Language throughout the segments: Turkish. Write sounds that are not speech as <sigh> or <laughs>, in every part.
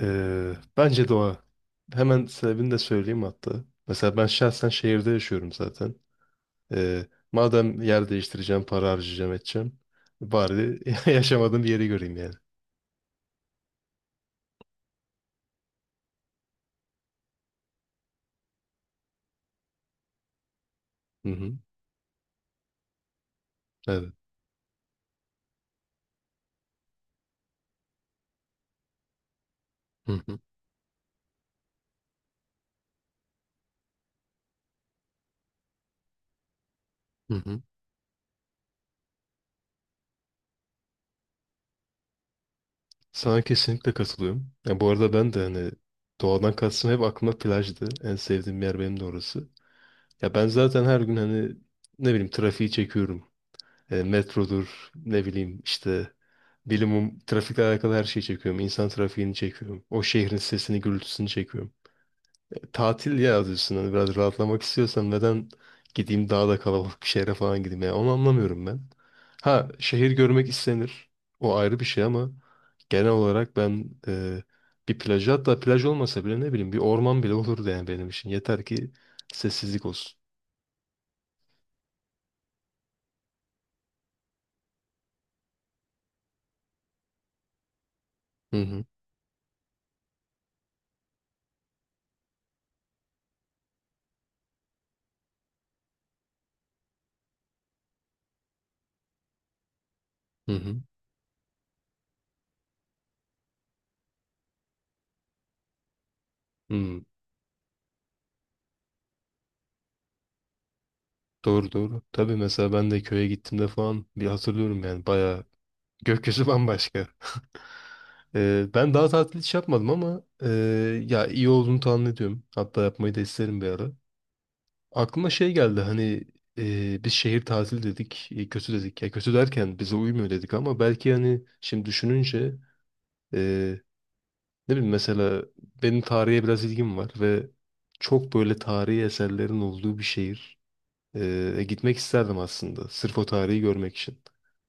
Bence doğa. Hemen sebebini de söyleyeyim hatta. Mesela ben şahsen şehirde yaşıyorum zaten. Ee, Madem yer değiştireceğim, para harcayacağım, edeceğim. Bari <laughs> yaşamadığım bir yeri göreyim yani. Hı hı. Evet. Hı hı. Hı hı. Sana kesinlikle katılıyorum. Ya bu arada ben de hani doğadan kastım hep aklıma plajdı. En sevdiğim yer benim de orası. Ya ben zaten her gün hani ne bileyim trafiği çekiyorum. Metrodur, ne bileyim işte bilimum trafikle alakalı her şeyi çekiyorum. İnsan trafiğini çekiyorum. O şehrin sesini, gürültüsünü çekiyorum. Tatil ya yazıyorsun. Hani biraz rahatlamak istiyorsam neden gideyim daha da kalabalık bir şehre falan gideyim ya. Onu anlamıyorum ben. Ha şehir görmek istenir. O ayrı bir şey ama genel olarak ben bir plaj, hatta plaj olmasa bile ne bileyim bir orman bile <laughs> olurdu yani benim için. Yeter ki sessizlik olsun. Hı hı hı hı. Hı. Doğru doğru. Tabii mesela ben de köye gittiğimde falan bir hatırlıyorum yani bayağı gökyüzü bambaşka. Ben daha tatil hiç yapmadım ama ya iyi olduğunu tahmin ediyorum. Hatta yapmayı da isterim bir ara. Aklıma şey geldi hani biz şehir tatili dedik, kötü dedik. Ya kötü derken bize uymuyor dedik ama belki hani şimdi düşününce e, ne bileyim mesela benim tarihe biraz ilgim var ve çok böyle tarihi eserlerin olduğu bir şehir. Gitmek isterdim aslında sırf o tarihi görmek için.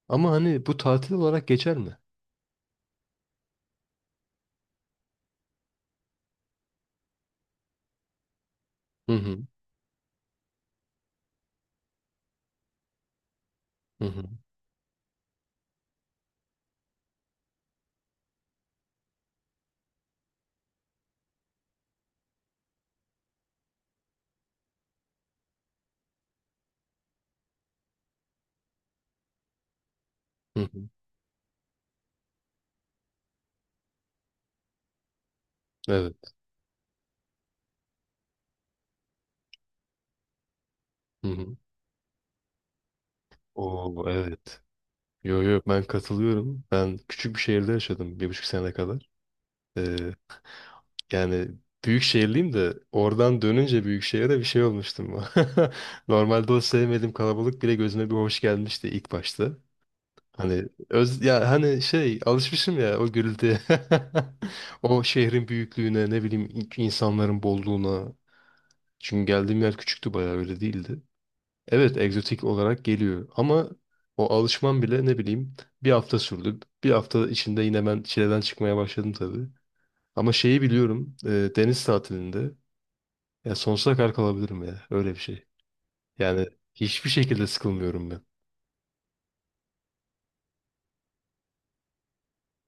Ama hani bu tatil olarak geçer mi? Hı hı, hı hı, hı hı. Evet. Hı hı. Oo evet. Yo yo ben katılıyorum. Ben küçük bir şehirde yaşadım bir buçuk sene kadar. Ee, Yani büyük şehirliyim de oradan dönünce büyük şehire bir şey olmuştum. <laughs> Normalde o sevmediğim kalabalık bile gözüme bir hoş gelmişti ilk başta. Hani öz ya hani şey alışmışım ya o gürültüye. <laughs> O şehrin büyüklüğüne ne bileyim insanların bolluğuna. Çünkü geldiğim yer küçüktü bayağı öyle değildi. Evet, egzotik olarak geliyor ama o alışmam bile ne bileyim bir hafta sürdü. Bir hafta içinde yine ben çileden çıkmaya başladım tabii. Ama şeyi biliyorum, deniz tatilinde ya sonsuza kadar kalabilirim ya öyle bir şey. Yani hiçbir şekilde sıkılmıyorum ben.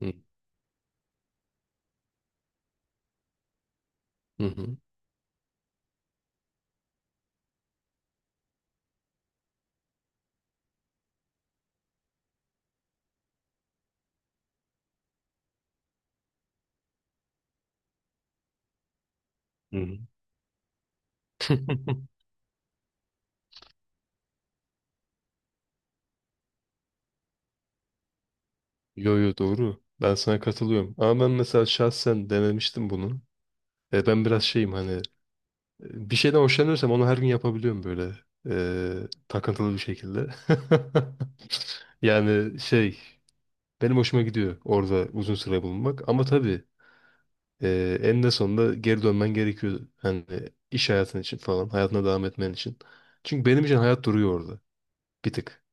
Hı hı hı. Hı hı. <laughs> Yo yo doğru. Ben sana katılıyorum. Ama ben mesela şahsen denemiştim bunu. Ben biraz şeyim hani bir şeyden hoşlanıyorsam onu her gün yapabiliyorum böyle takıntılı bir şekilde. <laughs> Yani şey benim hoşuma gidiyor orada uzun süre bulunmak ama tabii eninde sonunda geri dönmen gerekiyor. Hani iş hayatın için falan hayatına devam etmen için. Çünkü benim için hayat duruyor orada bir tık.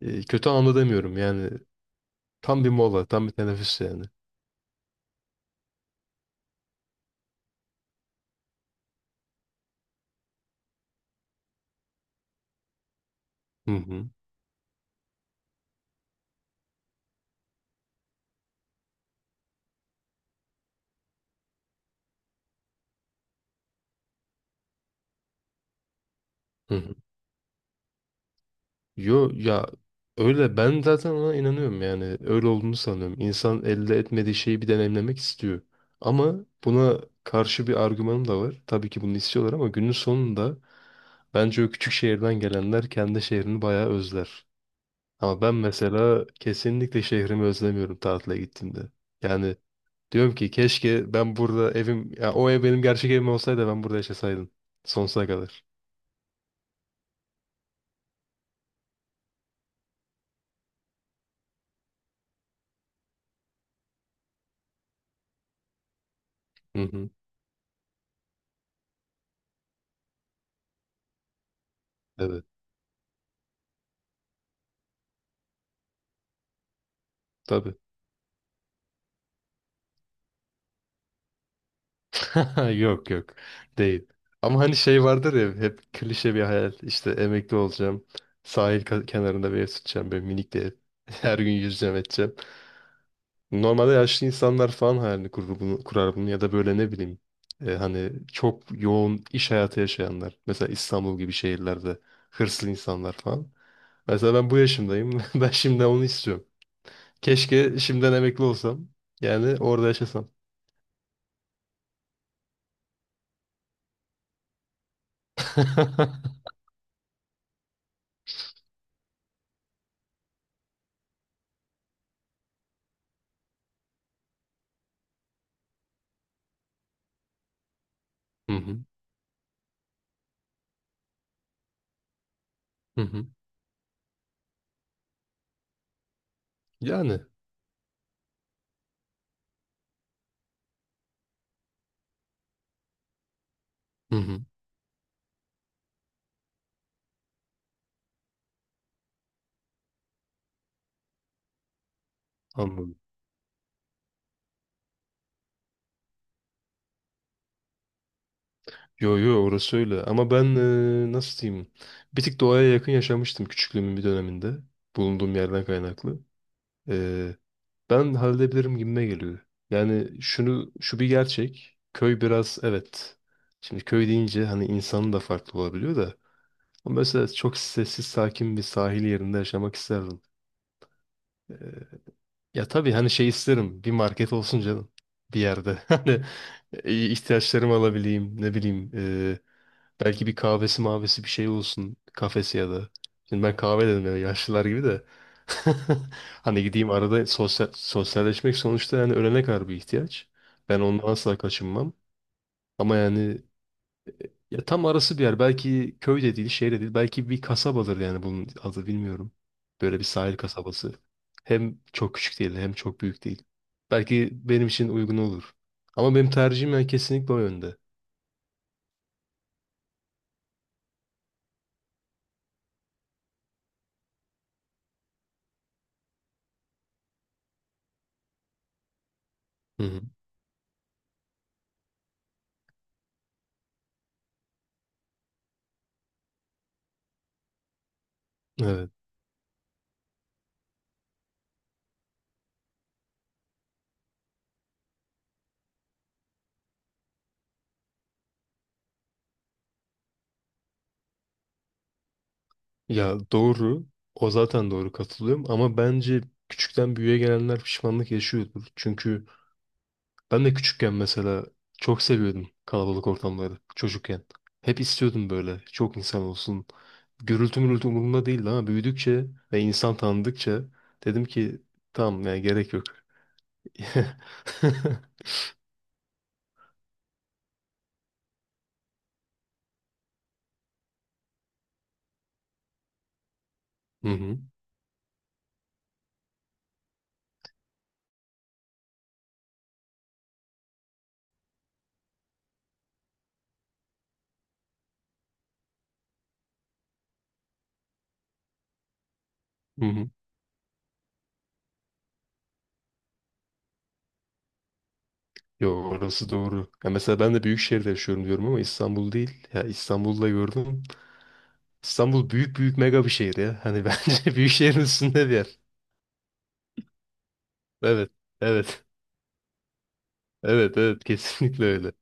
Kötü anlamda demiyorum yani tam bir mola tam bir teneffüs yani. Hı hı. Hı hı. Yo ya öyle ben zaten ona inanıyorum yani öyle olduğunu sanıyorum. İnsan elde etmediği şeyi bir deneyimlemek istiyor. Ama buna karşı bir argümanım da var. Tabii ki bunu istiyorlar ama günün sonunda bence o küçük şehirden gelenler kendi şehrini bayağı özler. Ama ben mesela kesinlikle şehrimi özlemiyorum tatile gittiğimde. Yani diyorum ki keşke ben burada evim, ya o ev benim gerçek evim olsaydı ben burada yaşasaydım. Sonsuza kadar. Hı hı. Evet. Tabii. <laughs> Yok yok. Değil. Ama hani şey vardır ya hep klişe bir hayal. İşte emekli olacağım. Sahil kenarında bir ev tutacağım. Böyle minik bir ev. <laughs> Her gün yüzeceğim edeceğim. Normalde yaşlı insanlar falan hayalini kurur bunu, kurar bunu ya da böyle ne bileyim hani çok yoğun iş hayatı yaşayanlar. Mesela İstanbul gibi şehirlerde hırslı insanlar falan. Mesela ben bu yaşımdayım. <laughs> Ben şimdi onu istiyorum. Keşke şimdiden emekli olsam. Yani orada yaşasam. <laughs> Hı hı, hı hı. Yani hı hı, anladım. Yo yo orası öyle ama ben nasıl diyeyim bir tık doğaya yakın yaşamıştım küçüklüğümün bir döneminde bulunduğum yerden kaynaklı. E, Ben halledebilirim gibime geliyor. Yani şunu şu bir gerçek. Köy biraz evet. Şimdi köy deyince hani insanın da farklı olabiliyor da. Ama mesela çok sessiz sakin bir sahil yerinde yaşamak isterdim. Ee, Ya tabii hani şey isterim. Bir market olsun canım. Bir yerde. <laughs> Hani ihtiyaçlarımı alabileyim. Ne bileyim. Belki bir kahvesi mavesi bir şey olsun. Kafesi ya da. Şimdi ben kahve dedim ya yaşlılar gibi de. <laughs> Hani gideyim arada sosyal, sosyalleşmek sonuçta yani ölene kadar bir ihtiyaç. Ben ondan asla kaçınmam. Ama yani ya tam arası bir yer. Belki köy de değil, şehir de değil. Belki bir kasabadır yani bunun adı bilmiyorum. Böyle bir sahil kasabası. Hem çok küçük değil hem çok büyük değil. Belki benim için uygun olur. Ama benim tercihim yani kesinlikle o yönde. Hı hı. Evet. Ya doğru. O zaten doğru katılıyorum ama bence küçükten büyüğe gelenler pişmanlık yaşıyordur. Çünkü ben de küçükken mesela çok seviyordum kalabalık ortamları çocukken. Hep istiyordum böyle çok insan olsun. Gürültü mürültü umurumda değildi ama büyüdükçe ve insan tanıdıkça dedim ki tamam ya gerek yok. <laughs> Hı hı, hı hı. Yo orası doğru. Ya mesela ben de büyük şehirde yaşıyorum diyorum ama İstanbul değil. Ya İstanbul'da gördüm. İstanbul büyük büyük mega bir şehir ya. Hani <laughs> bence büyük şehrin üstünde bir yer. Evet. Evet. Evet evet kesinlikle öyle.